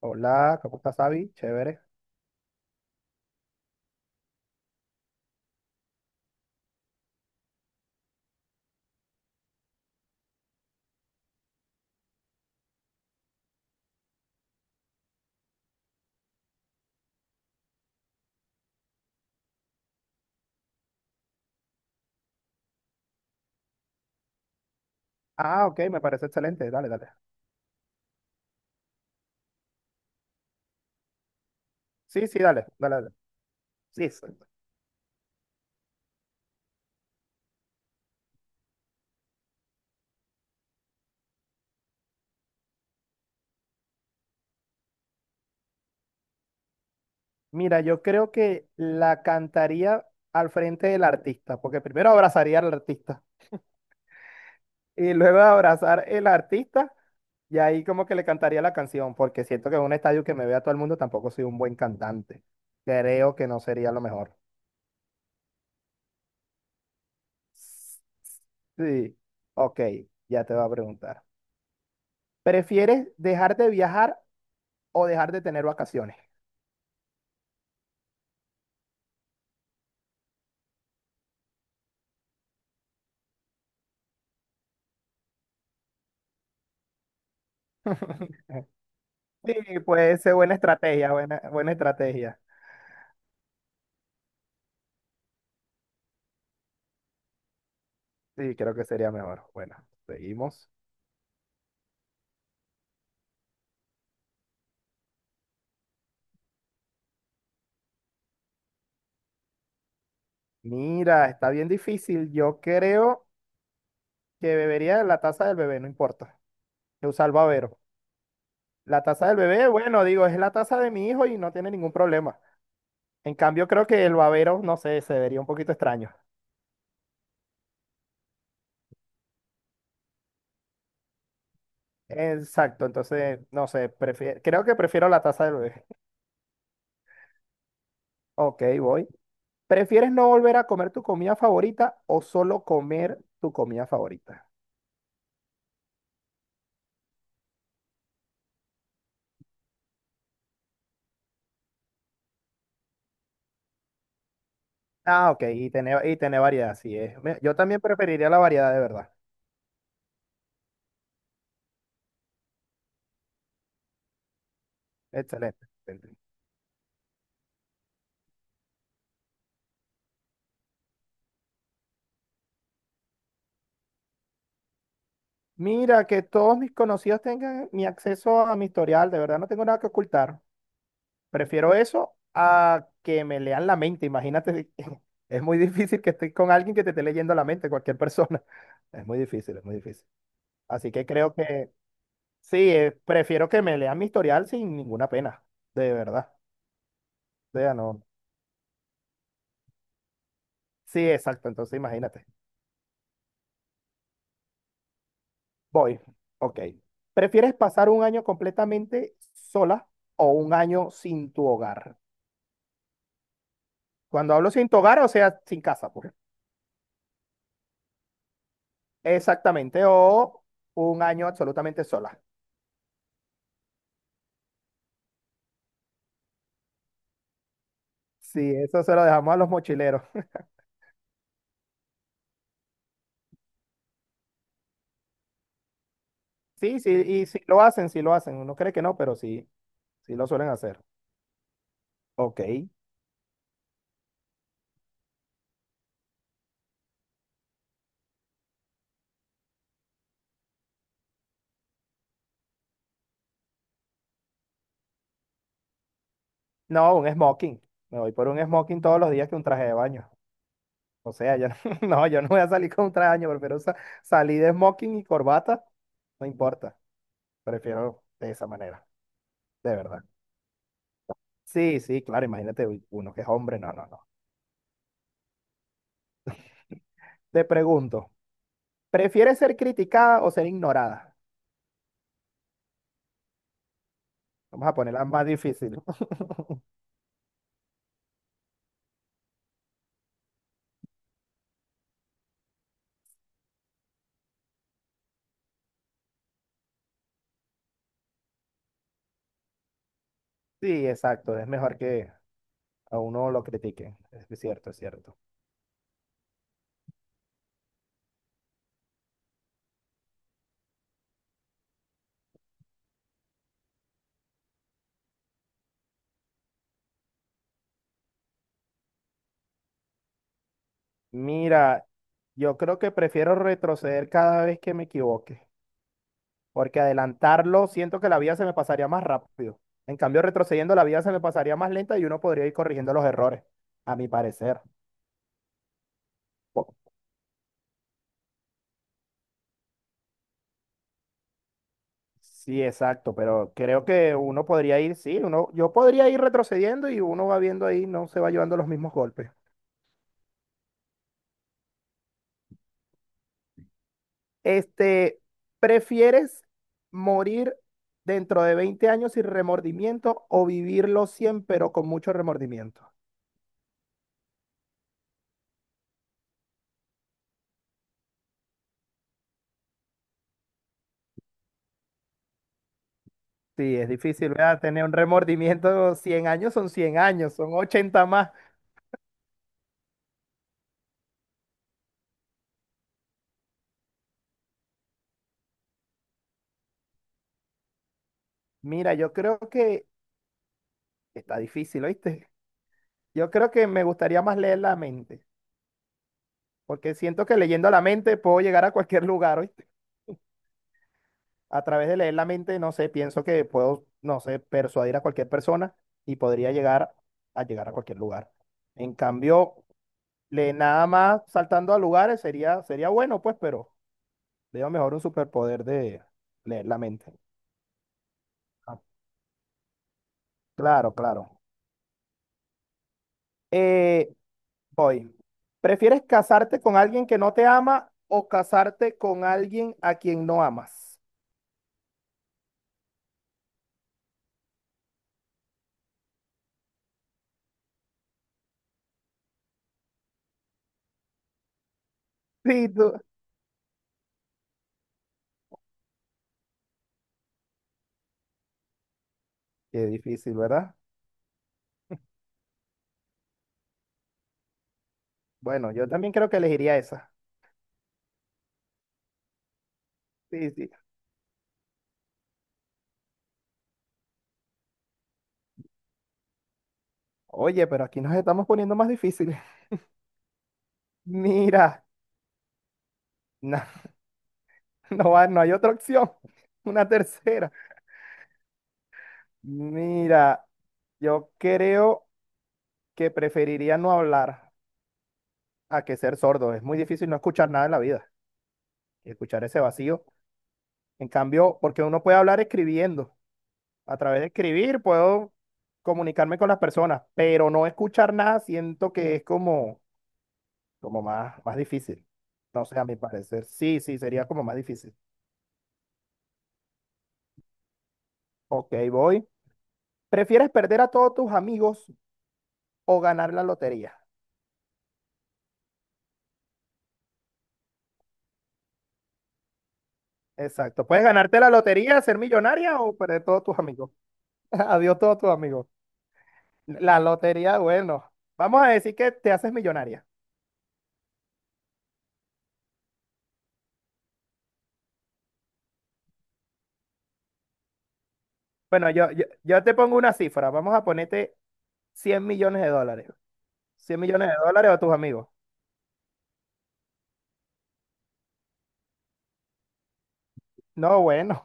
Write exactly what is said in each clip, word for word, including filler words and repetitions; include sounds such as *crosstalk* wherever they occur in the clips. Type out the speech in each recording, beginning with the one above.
Hola, ¿cómo estás, Abby? Chévere. Ah, ok, me parece excelente. Dale, dale. Sí, sí, dale, dale, dale. Sí, sí. Mira, yo creo que la cantaría al frente del artista, porque primero abrazaría al artista y luego de abrazar el artista y ahí como que le cantaría la canción, porque siento que en un estadio que me vea todo el mundo tampoco soy un buen cantante. Creo que no sería lo mejor. Sí, ok, ya te voy a preguntar. ¿Prefieres dejar de viajar o dejar de tener vacaciones? Sí, puede ser buena estrategia, buena, buena estrategia. Sí, creo que sería mejor. Bueno, seguimos. Mira, está bien difícil. Yo creo que bebería la taza del bebé, no importa. Que usa El salvavero. La taza del bebé, bueno, digo, es la taza de mi hijo y no tiene ningún problema. En cambio, creo que el babero, no sé, se vería un poquito extraño. Exacto, entonces, no sé, prefiero, creo que prefiero la taza del bebé. *laughs* Ok, voy. ¿Prefieres no volver a comer tu comida favorita o solo comer tu comida favorita? Ah, ok, y tiene, y tiene variedad, sí es. Me- Yo también preferiría la variedad de verdad. Excelente, excelente. Mira, que todos mis conocidos tengan mi acceso a mi historial, de verdad no tengo nada que ocultar. Prefiero eso a que me lean la mente, imagínate. *laughs* Es muy difícil que estés con alguien que te esté leyendo la mente, cualquier persona. *laughs* Es muy difícil, es muy difícil. Así que creo que sí, eh, prefiero que me lean mi historial sin ninguna pena, de verdad. O sea, no. Sí, exacto, entonces imagínate. Voy, ok. ¿Prefieres pasar un año completamente sola o un año sin tu hogar? Cuando hablo sin tu hogar, o sea, sin casa, pues. Exactamente, o un año absolutamente sola. Sí, eso se lo dejamos a los mochileros. *laughs* Sí, sí, y sí lo hacen, sí lo hacen. Uno cree que no, pero sí, sí lo suelen hacer. Ok. No, un smoking. Me voy por un smoking todos los días que un traje de baño. O sea, yo *laughs* no, yo no voy a salir con un traje de baño, prefiero sa- salir de smoking y corbata, no importa. Prefiero de esa manera, de verdad. Sí, sí, claro, imagínate uy, uno que es hombre, no, no, no. Te pregunto, ¿prefieres ser criticada o ser ignorada? Vamos a ponerla más difícil. *laughs* Sí, exacto, es mejor que a uno lo critiquen, es cierto, es cierto. Mira, yo creo que prefiero retroceder cada vez que me equivoque, porque adelantarlo siento que la vida se me pasaría más rápido. En cambio, retrocediendo la vida se me pasaría más lenta y uno podría ir corrigiendo los errores, a mi parecer. Sí, exacto, pero creo que uno podría ir, sí, uno, yo podría ir retrocediendo y uno va viendo ahí, no se va llevando los mismos golpes. Este, ¿prefieres morir dentro de veinte años sin remordimiento o vivirlo cien pero con mucho remordimiento? Sí, es difícil, ¿verdad? Tener un remordimiento cien años son cien años, son ochenta más. Mira, yo creo que está difícil, ¿oíste? Yo creo que me gustaría más leer la mente, porque siento que leyendo la mente puedo llegar a cualquier *laughs* lugar, hoy. A través de leer la mente, no sé, pienso que puedo, no sé, persuadir a cualquier persona y podría llegar a llegar a cualquier lugar. En cambio, le nada más saltando a lugares sería, sería bueno, pues, pero veo mejor un superpoder de leer la mente. Ah, claro, claro. Eh, Voy. ¿Prefieres casarte con alguien que no te ama o casarte con alguien a quien no amas? Sí, tú. Qué difícil, ¿verdad? Bueno, yo también creo que elegiría esa. Sí, sí. Oye, pero aquí nos estamos poniendo más difíciles. *laughs* Mira, no, *laughs* no, va- no hay otra opción. *laughs* Una tercera. Mira, yo creo que preferiría no hablar a que ser sordo. Es muy difícil no escuchar nada en la vida, escuchar ese vacío. En cambio, porque uno puede hablar escribiendo. A través de escribir puedo comunicarme con las personas, pero no escuchar nada siento que es como como más, más difícil. No sé, a mi parecer, sí, sí, sería como más difícil. Ok, voy. ¿Prefieres perder a todos tus amigos o ganar la lotería? Exacto. Puedes ganarte la lotería, ser millonaria o perder todos tus amigos. *laughs* Adiós todos tus amigos. La lotería, bueno, vamos a decir que te haces millonaria. Bueno, yo, yo, yo te pongo una cifra. Vamos a ponerte cien millones de dólares. Cien millones de dólares a tus amigos. No, bueno.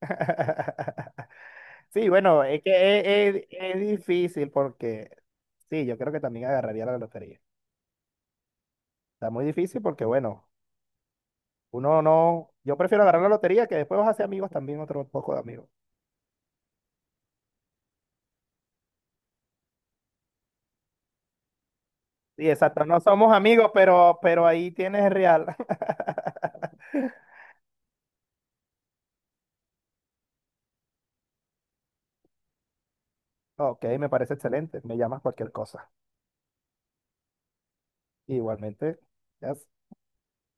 *laughs* Sí, bueno, es que es, es- es difícil porque, sí, yo creo que también agarraría la lotería. Está muy difícil porque, bueno, uno no, yo prefiero agarrar la lotería que después vas a hacer amigos también, otro poco de amigos. Sí, exacto, no somos amigos, pero, pero ahí tienes real. *laughs* Ok, me parece excelente, me llamas cualquier cosa. Igualmente, ya